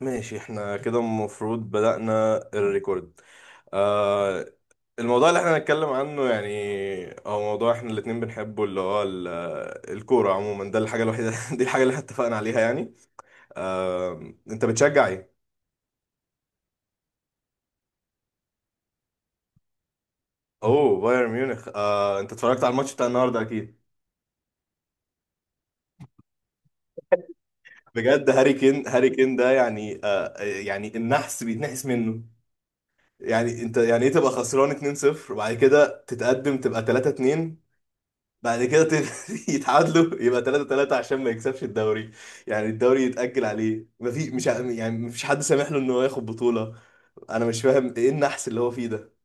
ماشي، احنا كده المفروض بدأنا الريكورد. آه، الموضوع اللي احنا هنتكلم عنه يعني هو موضوع احنا الاتنين بنحبه، اللي هو الكورة عموما. ده الحاجة الوحيدة دي الحاجة اللي احنا اتفقنا عليها يعني. آه، انت بتشجع ايه؟ اوه، بايرن ميونخ. آه، انت اتفرجت على الماتش بتاع النهارده اكيد. بجد هاري كين، هاري كين ده يعني آه يعني النحس بيتنحس منه. يعني انت يعني ايه تبقى خسران 2-0 وبعد كده تتقدم تبقى 3-2، بعد كده يتعادلوا يبقى 3 3 عشان ما يكسبش الدوري. يعني الدوري يتأجل عليه، ما في مش ع- يعني ما فيش حد سامح له ان هو ياخد بطولة. انا مش فاهم ايه النحس اللي هو فيه ده.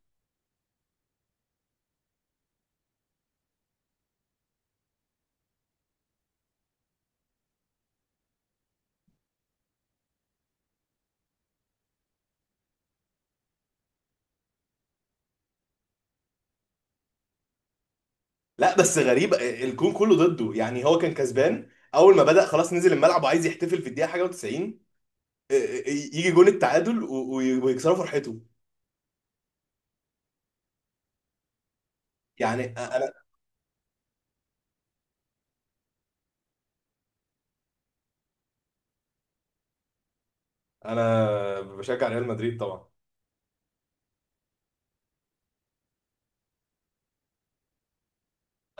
لا بس غريب، الكون كله ضده. يعني هو كان كسبان، اول ما بدأ خلاص نزل الملعب وعايز يحتفل في الدقيقة حاجة و90، يجي جون التعادل ويكسروا فرحته. انا، انا بشجع ريال مدريد طبعا.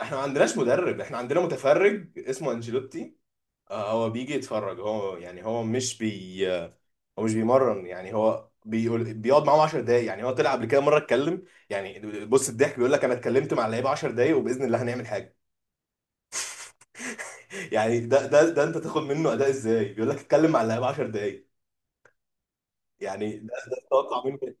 احنا ما عندناش مدرب، احنا عندنا متفرج اسمه انشيلوتي. آه، هو بيجي يتفرج، هو يعني هو مش بيمرن. يعني هو بيقول بيقعد معاهم 10 دقايق. يعني هو طلع قبل كده مره اتكلم يعني. بص الضحك، بيقول لك انا اتكلمت مع اللعيبه 10 دقايق وباذن الله هنعمل حاجه. يعني ده انت تاخد منه اداء ازاي بيقول لك اتكلم مع اللعيبه 10 دقايق؟ يعني ده تتوقع منه إيه؟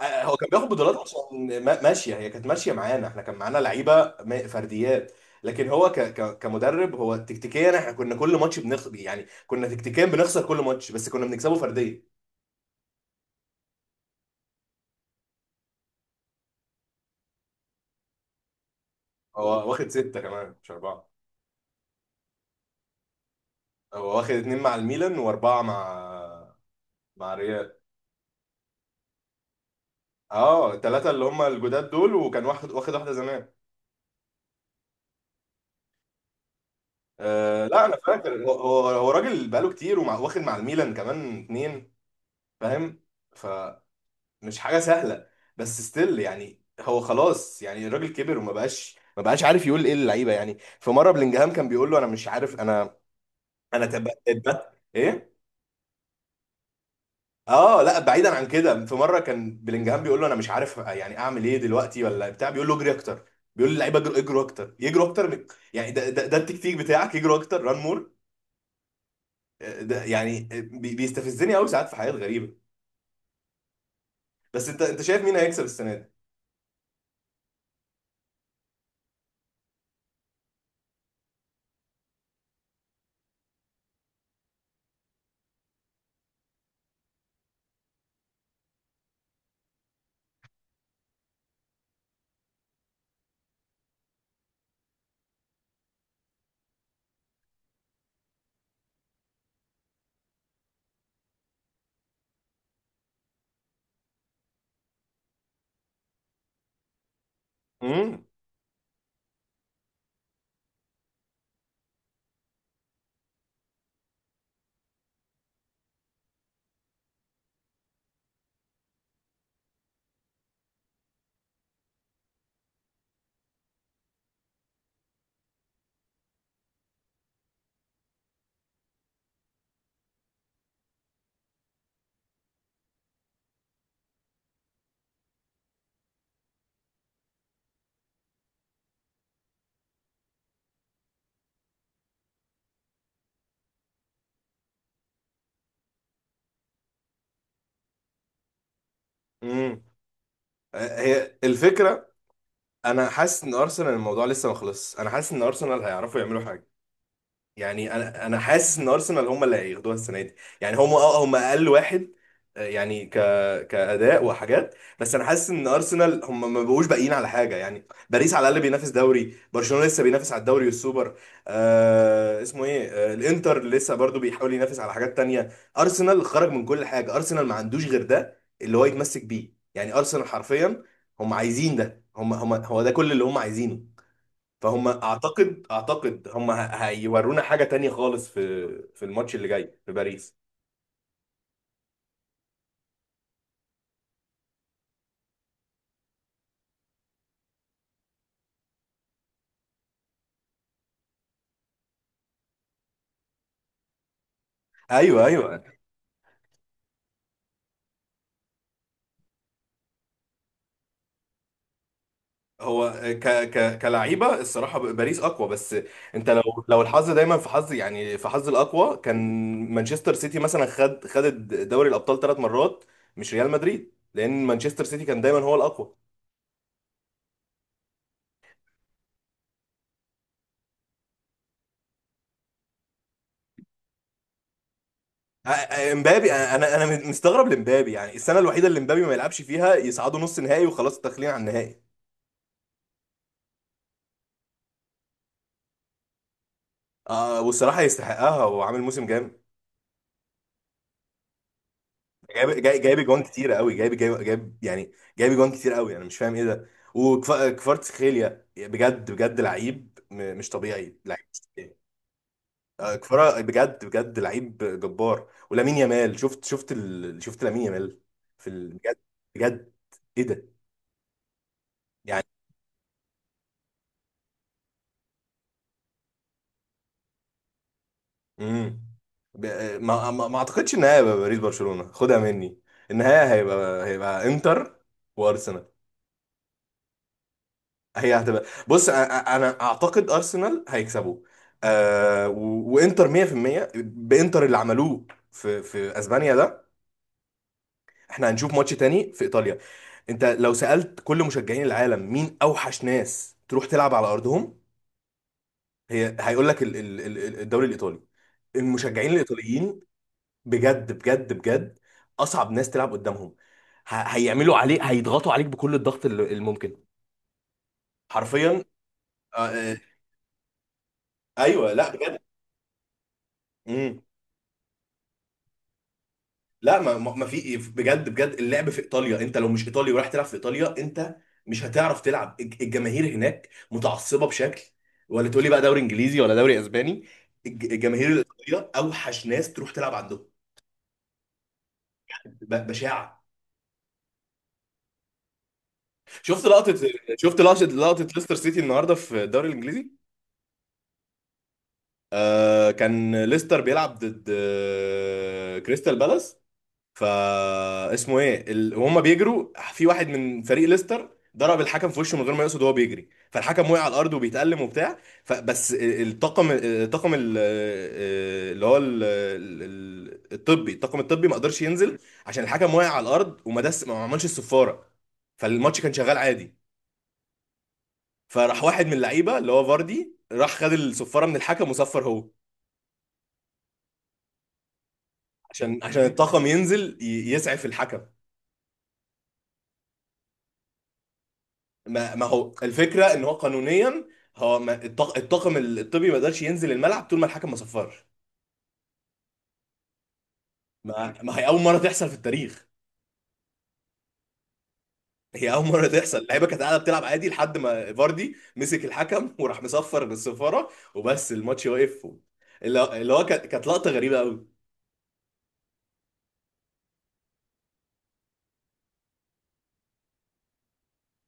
آه، آه، هو كان بياخد بطولات عشان ماشيه، هي كانت ماشيه معانا. احنا كان معانا لعيبه فرديات. لكن هو ك ك كمدرب، هو تكتيكيا احنا كنا كل ماتش بنخسر. يعني كنا تكتيكيا بنخسر كل ماتش بس كنا بنكسبه فرديا. هو واخد ستة كمان، مش أربعة. هو واخد اتنين مع الميلان وأربعة مع، مع ريال. اه التلاتة اللي هم الجداد دول، وكان واخد واحدة زمان. آه لا، أنا فاكر، هو راجل بقاله كتير، ومع واخد مع الميلان كمان اتنين. فاهم. فمش حاجة سهلة. بس ستيل، يعني هو خلاص، يعني الراجل كبر وما بقاش ما بقاش عارف يقول ايه للعيبة. يعني في مرة بلينجهام كان بيقول له انا مش عارف، ايه. اه لا، بعيدا عن كده، في مره كان بلينجهام بيقول له انا مش عارف يعني اعمل ايه دلوقتي ولا بتاع، بيقول له اجري اكتر. بيقول للعيبه اجروا اكتر، يجروا اكتر من. يعني ده التكتيك بتاعك، يجروا اكتر، ران مور. آه، ده يعني آه، بيستفزني قوي ساعات في حاجات غريبه. بس انت شايف مين هيكسب السنه دي؟ امم. امم. هي الفكره، انا حاسس ان ارسنال الموضوع لسه ما خلصش. انا حاسس ان ارسنال هيعرفوا يعملوا حاجه. يعني انا حاسس ان ارسنال هم اللي هياخدوها السنه دي. يعني هم اقل واحد، آه، يعني كاداء وحاجات. بس انا حاسس ان ارسنال ما بقوش باقيين على حاجه. يعني باريس على الاقل بينافس دوري، برشلونه لسه بينافس على الدوري والسوبر. آه اسمه ايه، آه الانتر لسه برضو بيحاول ينافس على حاجات تانية. ارسنال خرج من كل حاجه، ارسنال ما عندوش غير ده اللي هو يتمسك بيه. يعني ارسنال حرفيا هم عايزين ده، هم هم هو ده كل اللي هم عايزينه. فهم اعتقد، اعتقد هيورونا حاجه تانية خالص في في الماتش اللي جاي في باريس. ايوه ايوه. هو ك ك كلعيبه الصراحه باريس اقوى. بس انت لو، لو الحظ، دايما في حظ، يعني في حظ الاقوى. كان مانشستر سيتي مثلا خد دوري الابطال ثلاث مرات، مش ريال مدريد، لان مانشستر سيتي كان دايما هو الاقوى. امبابي، انا مستغرب لامبابي. يعني السنه الوحيده اللي امبابي ما يلعبش فيها يصعدوا نص نهائي، وخلاص التخليع عن النهائي. آه، والصراحه يستحقها وعامل موسم جامد. جايب جوان كتيره قوي، جايب يعني، جايب جوان كتير قوي. انا مش فاهم ايه ده. وكفاراتسخيليا بجد بجد لعيب مش طبيعي، لعيب مش طبيعي. آه، كفارا بجد بجد لعيب جبار. ولامين يامال، شفت لامين يامال في ال...، بجد. بجد، ايه ده؟ يعني. امم. ب... ما اعتقدش ان هيبقى باريس برشلونه. خدها مني، النهايه هيبقى انتر وارسنال. هي هتبقى بص، انا اعتقد ارسنال هيكسبوا، آه وانتر 100% بانتر اللي عملوه في في اسبانيا ده. احنا هنشوف ماتش تاني في ايطاليا. انت لو سالت كل مشجعين العالم مين اوحش ناس تروح تلعب على ارضهم، هي هيقول لك الدوري الايطالي، المشجعين الايطاليين. بجد بجد بجد، اصعب ناس تلعب قدامهم. هيعملوا عليك، هيضغطوا عليك بكل الضغط الممكن. حرفيا. آه، آه، ايوه، لا بجد. مم. لا، ما في إيه، بجد بجد، اللعب في ايطاليا انت لو مش ايطالي ورايح تلعب في ايطاليا انت مش هتعرف تلعب. الجماهير هناك متعصبه بشكل، ولا تقولي بقى دوري انجليزي ولا دوري اسباني، الجماهير الايطاليه اوحش ناس تروح تلعب عندهم. بشاعه. شفت لقطه، لقطه ليستر سيتي النهارده في الدوري الانجليزي. آه، كان ليستر بيلعب ضد آه، كريستال بالاس. فا اسمه ايه ال...، وهم بيجروا في واحد من فريق ليستر، ضرب الحكم في وشه من غير ما يقصد وهو بيجري. فالحكم وقع على الارض وبيتألم وبتاع. فبس ال- الطاقم الطاقم ال- اللي هو ال- ال- الطبي، الطاقم الطبي ما قدرش ينزل، عشان الحكم وقع على الارض وما دس ما عملش الصفاره. فالماتش كان شغال عادي. فراح واحد من اللعيبه اللي هو فاردي، راح خد الصفاره من الحكم وصفر هو، عشان الطاقم ينزل يسعف الحكم. ما ما هو الفكره ان هو قانونيا، هو ما الطاقم الطبي ما قدرش ينزل الملعب طول ما الحكم ما صفرش. ما ما هي اول مره تحصل في التاريخ، هي اول مره تحصل. اللعيبه كانت قاعده بتلعب عادي لحد ما فاردي مسك الحكم وراح مصفر بالصفاره وبس، الماتش واقف. اللي اللي هو كانت لقطه غريبه قوي.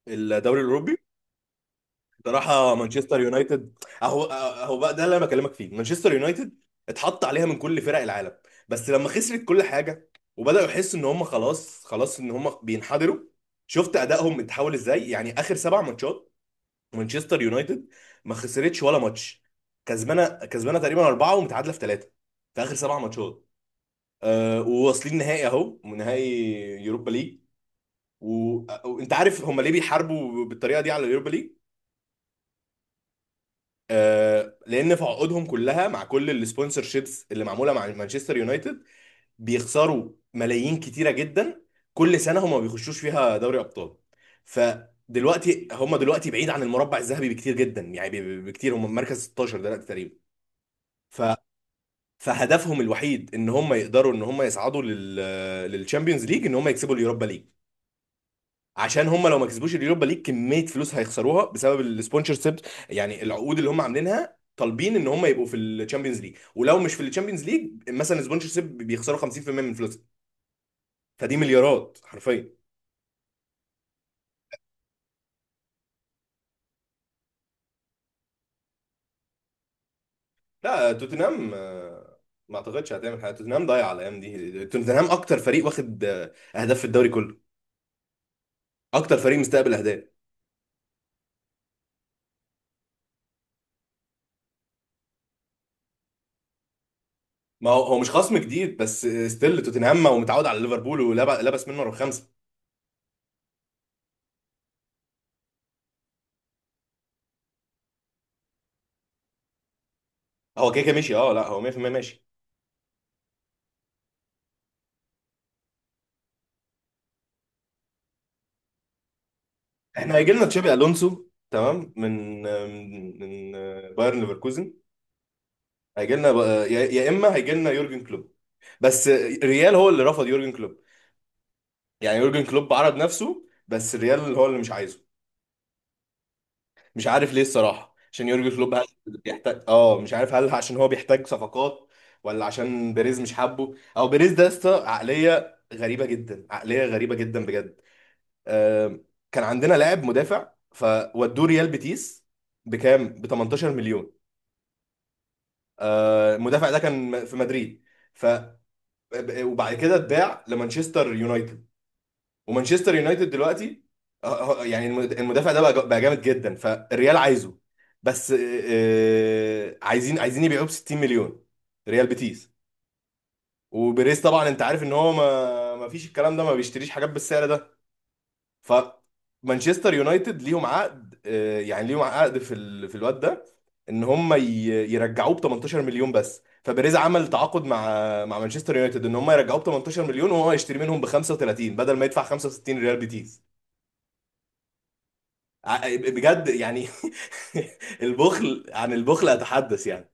الدوري الاوروبي، بصراحه مانشستر يونايتد، اهو اهو بقى ده اللي انا بكلمك فيه. مانشستر يونايتد اتحط عليها من كل فرق العالم، بس لما خسرت كل حاجه وبداوا يحسوا ان هم خلاص ان هم بينحدروا، شفت ادائهم اتحول ازاي. يعني اخر سبع ماتشات مانشستر يونايتد ما خسرتش ولا ماتش. كسبانه تقريبا اربعه، ومتعادله في ثلاثه، في اخر سبع ماتشات. أه، وواصلين نهائي، اهو نهائي يوروبا ليج. وانت عارف هم ليه بيحاربوا بالطريقه دي على اليوروبا ليج؟ آه، لان في عقودهم كلها مع كل السبونسر شيبس اللي معموله مع مانشستر يونايتد، بيخسروا ملايين كتيره جدا كل سنه هم ما بيخشوش فيها دوري ابطال. فدلوقتي هم، دلوقتي بعيد عن المربع الذهبي بكتير جدا. يعني بكتير، هم مركز 16 دلوقتي تقريبا. ف، فهدفهم الوحيد ان هم يقدروا ان هم يصعدوا لل، للشامبيونز ليج ان هم يكسبوا اليوروبا ليج، عشان هم لو ما كسبوش اليوروبا ليج كميه فلوس هيخسروها بسبب السبونسر شيب. يعني العقود اللي هم عاملينها طالبين ان هم يبقوا في الشامبيونز ليج، ولو مش في الشامبيونز ليج مثلا سبونسر شيب بيخسروا 50% من فلوسهم. فدي مليارات حرفيا. لا، توتنهام آه، ما اعتقدش هتعمل حاجه. توتنهام ضايع على الايام دي. توتنهام اكتر فريق واخد آه، اهداف في الدوري كله، اكتر فريق مستقبل اهداف. ما هو، هو مش خصم جديد، بس ستيل توتنهام هو متعود على ليفربول ولبس منه رقم خمسه. هو كده كده ماشي، اه لا هو 100% ماشي. احنا هيجي لنا تشابي الونسو، تمام، من بايرن ليفركوزن. هيجي لنا بقى، يا يا اما هيجي لنا يورجن كلوب. بس ريال هو اللي رفض يورجن كلوب. يعني يورجن كلوب عرض نفسه بس ريال هو اللي مش عايزه. مش عارف ليه الصراحه، عشان يورجن كلوب هل بيحتاج، اه مش عارف هل عشان هو بيحتاج صفقات، ولا عشان بيريز مش حابه، او بيريز ده يا اسطى عقليه غريبه جدا، عقليه غريبه جدا بجد. آه، كان عندنا لاعب مدافع فودوه ريال بيتيس بكام؟ ب 18 مليون. آه، المدافع ده كان في مدريد، ف، وبعد كده اتباع لمانشستر يونايتد، ومانشستر يونايتد دلوقتي آه، آه، يعني المدافع ده بقى بقى جامد جدا. فالريال عايزه، بس آه، آه، عايزين يبيعوه ب 60 مليون، ريال بيتيس. وبيريز طبعا انت عارف ان هو ما فيش الكلام ده، ما بيشتريش حاجات بالسعر ده. فمانشستر يونايتد ليهم عقد آه، يعني ليهم عقد في ال...، في الواد ده، ان هم ي... يرجعوه ب 18 مليون بس. فبيريز عمل تعاقد مع، مع مانشستر يونايتد ان هم يرجعوه ب 18 مليون وهو يشتري منهم ب 35، بدل ما يدفع 65 ريال بيتيس. آه، بجد يعني. البخل عن البخل اتحدث يعني.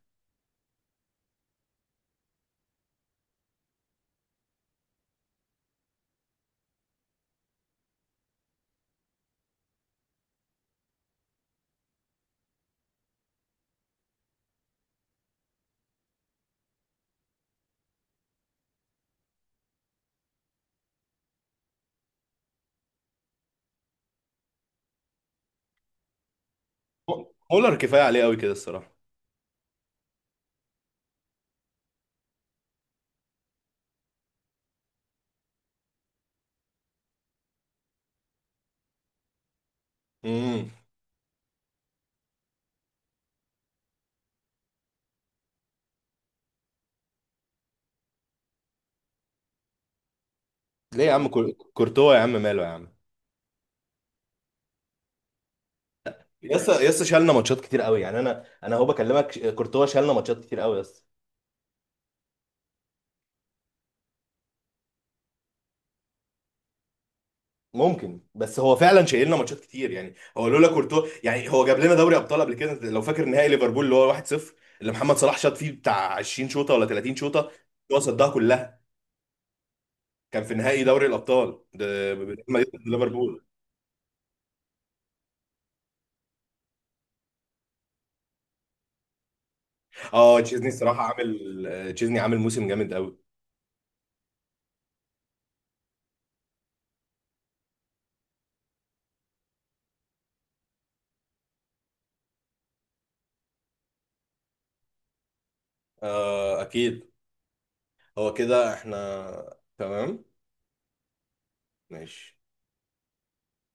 مولر كفايه عليه قوي كده الصراحه. امم. ليه يا عم؟ كورتوا يا عم، ماله يا عم؟ يس يس، شالنا ماتشات كتير قوي. يعني انا انا هو بكلمك كورتوا شالنا ماتشات كتير قوي، يس. ممكن، بس هو فعلا شايل لنا ماتشات كتير. يعني هو لولا كورتوا، يعني هو جاب لنا دوري ابطال قبل كده، لو فاكر نهائي ليفربول اللي هو 1-0 اللي محمد صلاح شاط فيه بتاع 20 شوطه ولا 30 شوطه، هو صدها كلها. كان في نهائي دوري الابطال ده لما يكسب ليفربول. اه تشيزني الصراحه عامل آه، تشيزني عامل موسم جامد قوي. آه اكيد. هو كده احنا تمام. ماشي.